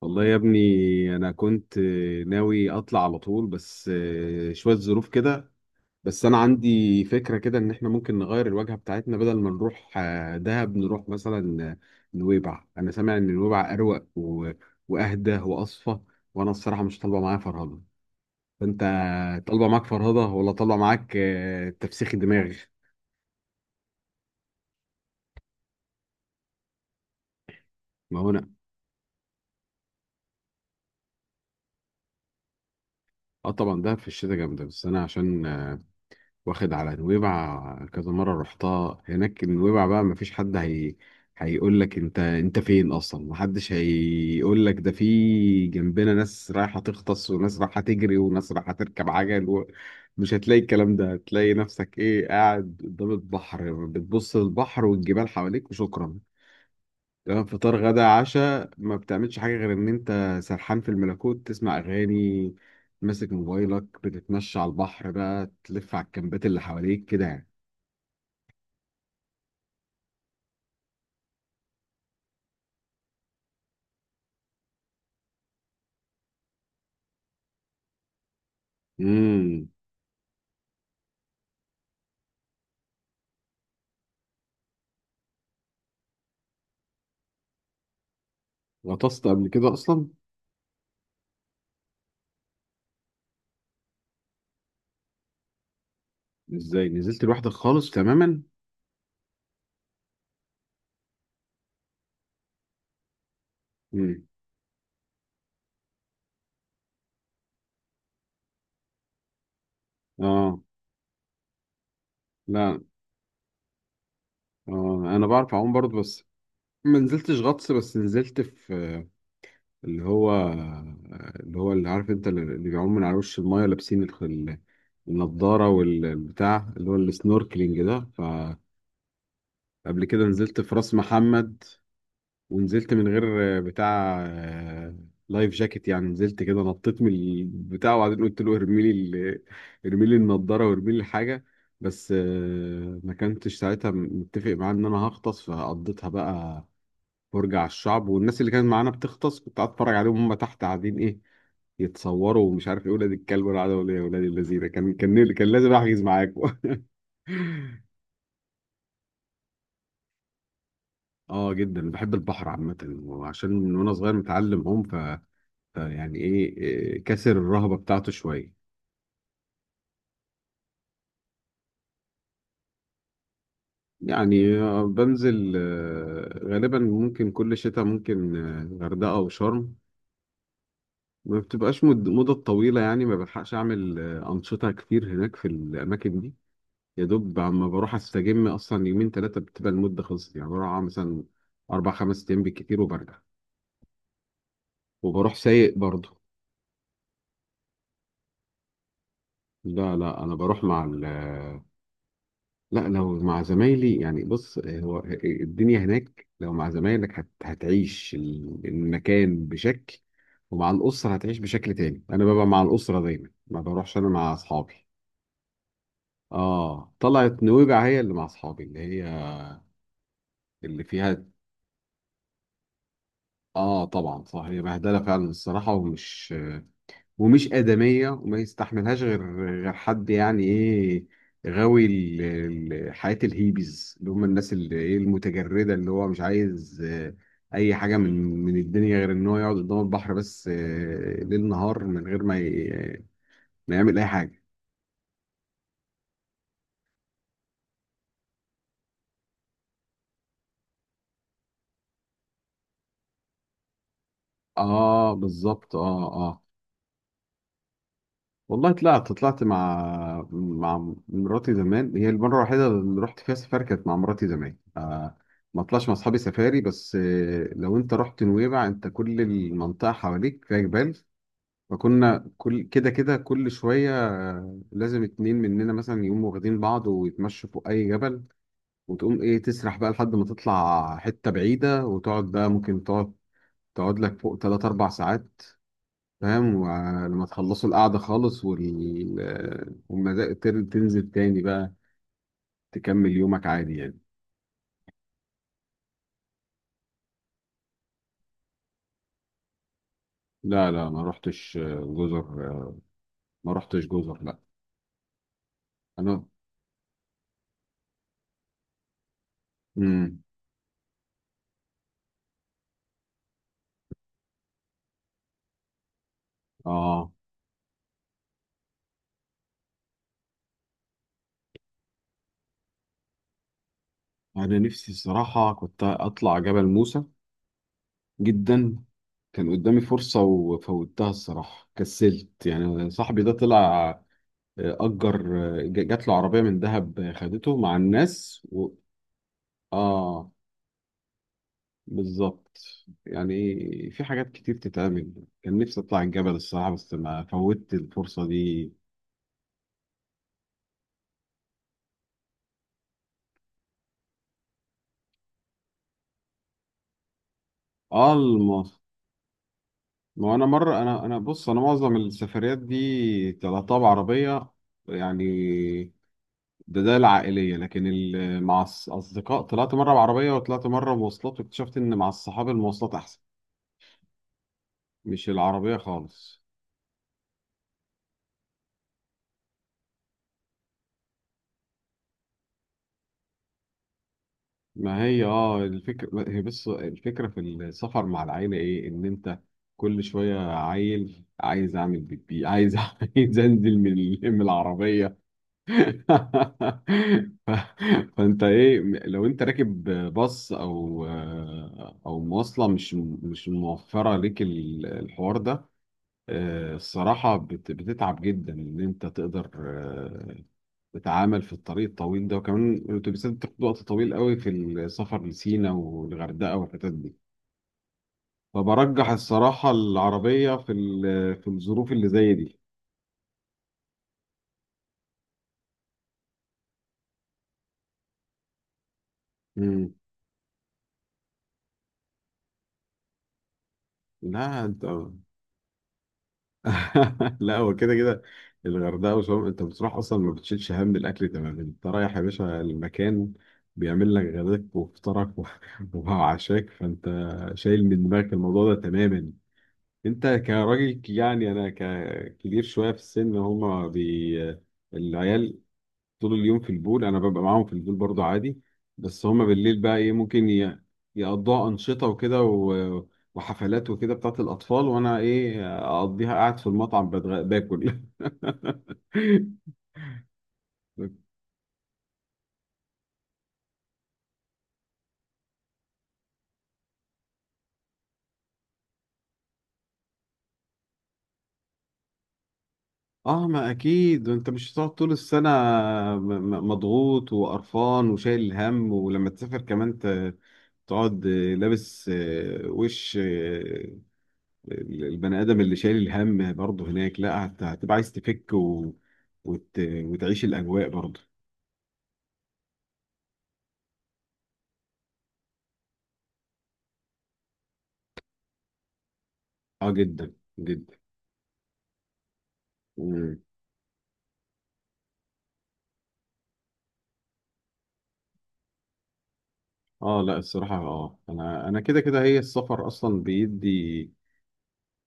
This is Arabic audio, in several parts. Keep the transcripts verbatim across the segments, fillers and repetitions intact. والله يا ابني، انا كنت ناوي اطلع على طول بس آه، شوية ظروف كده. بس انا عندي فكرة كده ان احنا ممكن نغير الوجهة بتاعتنا، بدل ما نروح آه، دهب نروح مثلا آه، نويبع. انا سامع ان نويبع اروق و- واهدى واصفى. وانا الصراحة مش طالبة معايا فرهضة. فانت طالبة معاك فرهضة ولا طالبة معاك آه، تفسيخ دماغ؟ ما هو انا. اه طبعا، دهب في الشتاء جامدة، بس انا عشان واخد على نويبع كذا مرة رحتها. هناك نويبع بقى مفيش حد، هي هيقول لك انت انت فين اصلا، محدش هيقول لك ده. في جنبنا ناس رايحة تغطس وناس رايحة تجري وناس رايحة تركب عجل و... مش هتلاقي الكلام ده، هتلاقي نفسك ايه، قاعد قدام البحر بتبص للبحر والجبال حواليك وشكرا. تمام، فطار غدا عشاء، ما بتعملش حاجة غير إن أنت سرحان في الملكوت، تسمع أغاني ماسك موبايلك، بتتمشى على البحر بقى تلف على الكامبات اللي حواليك كده يعني. امم. غطست قبل كده أصلا؟ إزاي نزلت لوحدك خالص تماما؟ امم. آه. لا، آه أنا بعرف أعوم برضه، بس ما نزلتش غطس، بس نزلت في اللي هو اللي هو اللي عارف أنت، اللي بيعوم من على وش الماية لابسين الخ- النضارة والبتاع اللي هو السنوركلينج ده. قبل كده نزلت في راس محمد، ونزلت من غير آه، بتاع آه، لايف جاكيت، يعني نزلت كده نطيت من البتاع وبعدين قلت له ارمي لي ال- ارمي لي النضاره وارمي لي الحاجه. بس آه، ما كنتش ساعتها متفق معاه ان انا هغطس، فقضيتها بقى فرجة على الشعب، والناس اللي كانت معانا بتغطس كنت قاعد اتفرج عليهم، هم تحت قاعدين ايه، يتصوروا ومش عارف ايه، ولاد الكلب ولا عادة ولا ايه، يا ولاد اللذينه كان كان كان لازم احجز معاكم. اه جدا بحب البحر عامة، وعشان من وانا صغير متعلم هم، ف... ف يعني ايه إيه، كسر الرهبة بتاعته شوية. يعني آه، بنزل آه، غالبا ممكن كل شتاء، ممكن آه، غردقة او شرم، ما بتبقاش مد... مدة طويلة يعني، ما بلحقش اعمل آه، انشطة كتير هناك في الاماكن دي. يا دوب اما بروح استجم اصلا يومين ثلاثة، بتبقى المدة خلصت يعني، بروح أقعد مثلا اربع خمس ايام بالكتير وبرجع، وبروح سايق برضه. لا، لا، انا بروح مع ال لا، لو مع زمايلي يعني، بص هو الدنيا هناك لو مع زمايلك هت... هتعيش ال- المكان بشكل، ومع الأسرة هتعيش بشكل تاني. أنا ببقى مع الأسرة دايما، ما بروحش أنا مع أصحابي. آه طلعت نويبع هي اللي مع أصحابي، اللي هي اللي فيها. آه طبعا صح، هي بهدلة فعلا الصراحة، ومش ومش آدمية، وما يستحملهاش غير غير حد يعني إيه، غاوي ال- ال- حياة الهيبيز، اللي هم الناس اللي إيه المتجردة، اللي هو مش عايز آه، أي حاجة من من الدنيا، غير إن هو يقعد قدام البحر بس آه، ليل نهار، من غير ما ي- ما يعمل أي حاجة. آه بالظبط، آه آه. والله طلعت طلعت مع مع مراتي زمان، هي المرة الوحيدة اللي رحت فيها سفاري كانت مع مراتي زمان، آه ما طلعش مع أصحابي سفاري. بس آه لو أنت رحت نويبع، أنت كل المنطقة حواليك فيها جبال، فكنا كل كده كده كل شوية آه لازم اتنين مننا مثلا يقوموا واخدين بعض ويتمشوا فوق أي جبل. وتقوم إيه تسرح بقى لحد ما تطلع حتة بعيدة، وتقعد بقى، ممكن تقعد تقعد لك فوق تلات أربع ساعات. فاهم؟ ولما تخلصوا القعدة خالص وال... والمزاج تر- تنزل تاني بقى، تكمل يومك عادي يعني. لا، لا، ما رحتش جزر، ما رحتش جزر، لا. انا. امم. اه انا نفسي الصراحة كنت اطلع جبل موسى، جدا. كان قدامي فرصة وفوتها الصراحة، كسلت يعني. صاحبي ده طلع، آه، أجر، آه، ج- جات له عربية من دهب، آه، خدته مع الناس و... آه بالظبط يعني، في حاجات كتير تتعمل، كان نفسي اطلع الجبل الصراحه، بس ما فوتت الفرصه دي. اه الم- ما هو انا مره، انا انا بص، انا معظم السفريات دي طلعتها بعربيه يعني، ده ده العائليه، لكن ال- مع الاصدقاء طلعت مره بعربيه وطلعت مره مواصلات، واكتشفت ان مع الصحاب المواصلات احسن، مش العربيه خالص. ما هي اه، الفكرة هي، بس الفكرة في السفر مع العيلة ايه، ان انت كل شوية عيل عايز اعمل بيبي، عايز عايز انزل من ال- من العربية. ف... فانت ايه لو انت راكب باص او او مواصلة، مش مش موفرة ليك ال- الحوار ده، آه، الصراحة بت... بتتعب جدا، ان انت تقدر تتعامل في الطريق الطويل ده. وكمان الأتوبيسات بتاخد وقت طويل قوي في السفر لسينا والغردقة والحتت دي، فبرجح الصراحة العربية في ال- في الظروف اللي زي دي. مم. لا انت. لا هو كده كده، الغردقة وشرم انت بتروح اصلا ما بتشيلش هم الاكل تماما، انت رايح يا باشا، المكان بيعمل لك غداك وفطارك و- وعشاك، فانت شايل من دماغك الموضوع ده تماما. انت كراجل ك- يعني انا ككبير شويه في السن، هما بي العيال طول اليوم في البول، انا ببقى معاهم في البول برضو عادي. بس هما بالليل بقى ايه، ممكن ي- يقضوها انشطه وكده و- وحفلات وكده بتاعت الاطفال، وانا ايه، اقضيها قاعد في المطعم بتغ... باكل. اه ما اكيد، انت مش هتقعد طول السنه م- م- مضغوط وقرفان وشايل الهم، ولما تسافر كمان ت... تقعد لابس آه، وش البني ادم اللي شايل الهم برضه هناك. لا، هت- هتبقى عايز تفك و... وت... وتعيش الاجواء برضه. اه جدا جدا. مم. اه لا الصراحه، اه انا انا كده كده هي، السفر اصلا بيدي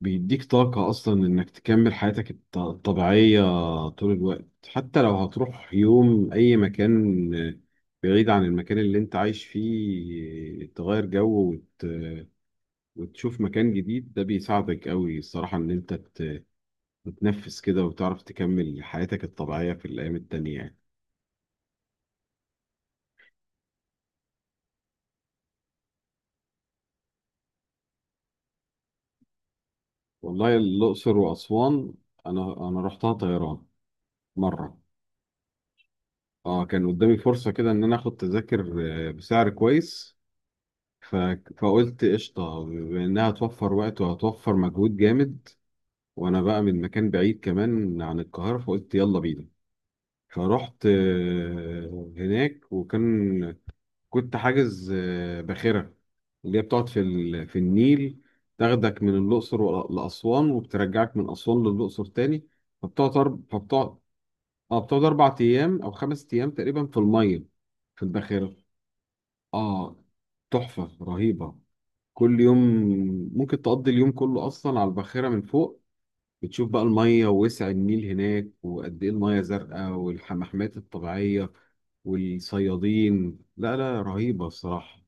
بيديك طاقه اصلا، انك تكمل حياتك الط- الطبيعيه طول الوقت. حتى لو هتروح يوم اي مكان بعيد عن المكان اللي انت عايش فيه، تغير جو وت... وتشوف مكان جديد، ده بيساعدك قوي الصراحه، ان انت بتنفس كده وتعرف تكمل حياتك الطبيعية في الأيام التانية يعني. والله الأقصر وأسوان، أنا أنا رحتها طيران مرة. أه كان قدامي فرصة كده إن أنا آخد تذاكر آه، بسعر كويس، ف... فقلت قشطة، بإنها هتوفر وقت وهتوفر مجهود جامد، وأنا بقى من مكان بعيد كمان عن القاهرة، فقلت يلا بينا. فرحت آه، هناك، وكان كنت حاجز آه، باخرة، اللي هي بتقعد في ال... في النيل، تاخدك من الأقصر ولا- لأسوان، وبترجعك من أسوان للأقصر تاني. فبتقعد أرب... فبتقعد. اه بتقعد أربع أيام أو خمس أيام تقريبا، في المية، في الباخرة. اه تحفة رهيبة، كل يوم ممكن تقضي اليوم كله أصلا على الباخرة من فوق، بتشوف بقى المية ووسع النيل هناك وقد إيه، المية زرقاء والحمامات الطبيعية والصيادين، لا لا رهيبة الصراحة،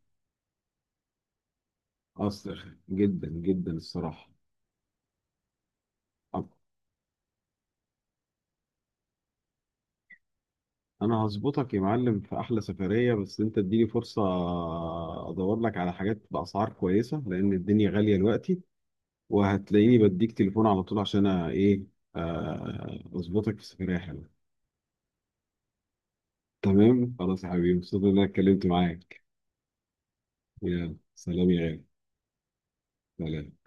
أثر جدا جدا الصراحة. طب أنا هظبطك يا معلم في أحلى سفرية، بس أنت اديني فرصة أدور لك على حاجات بأسعار كويسة، لأن الدنيا غالية دلوقتي، وهتلاقيني بديك تليفون على طول عشان أ- إيه آه، أظبطك في سفرية حلوة. تمام خلاص يا حبيبي، مبسوط إن أنا اتكلمت معاك. يا سلام يا غالي. سلام.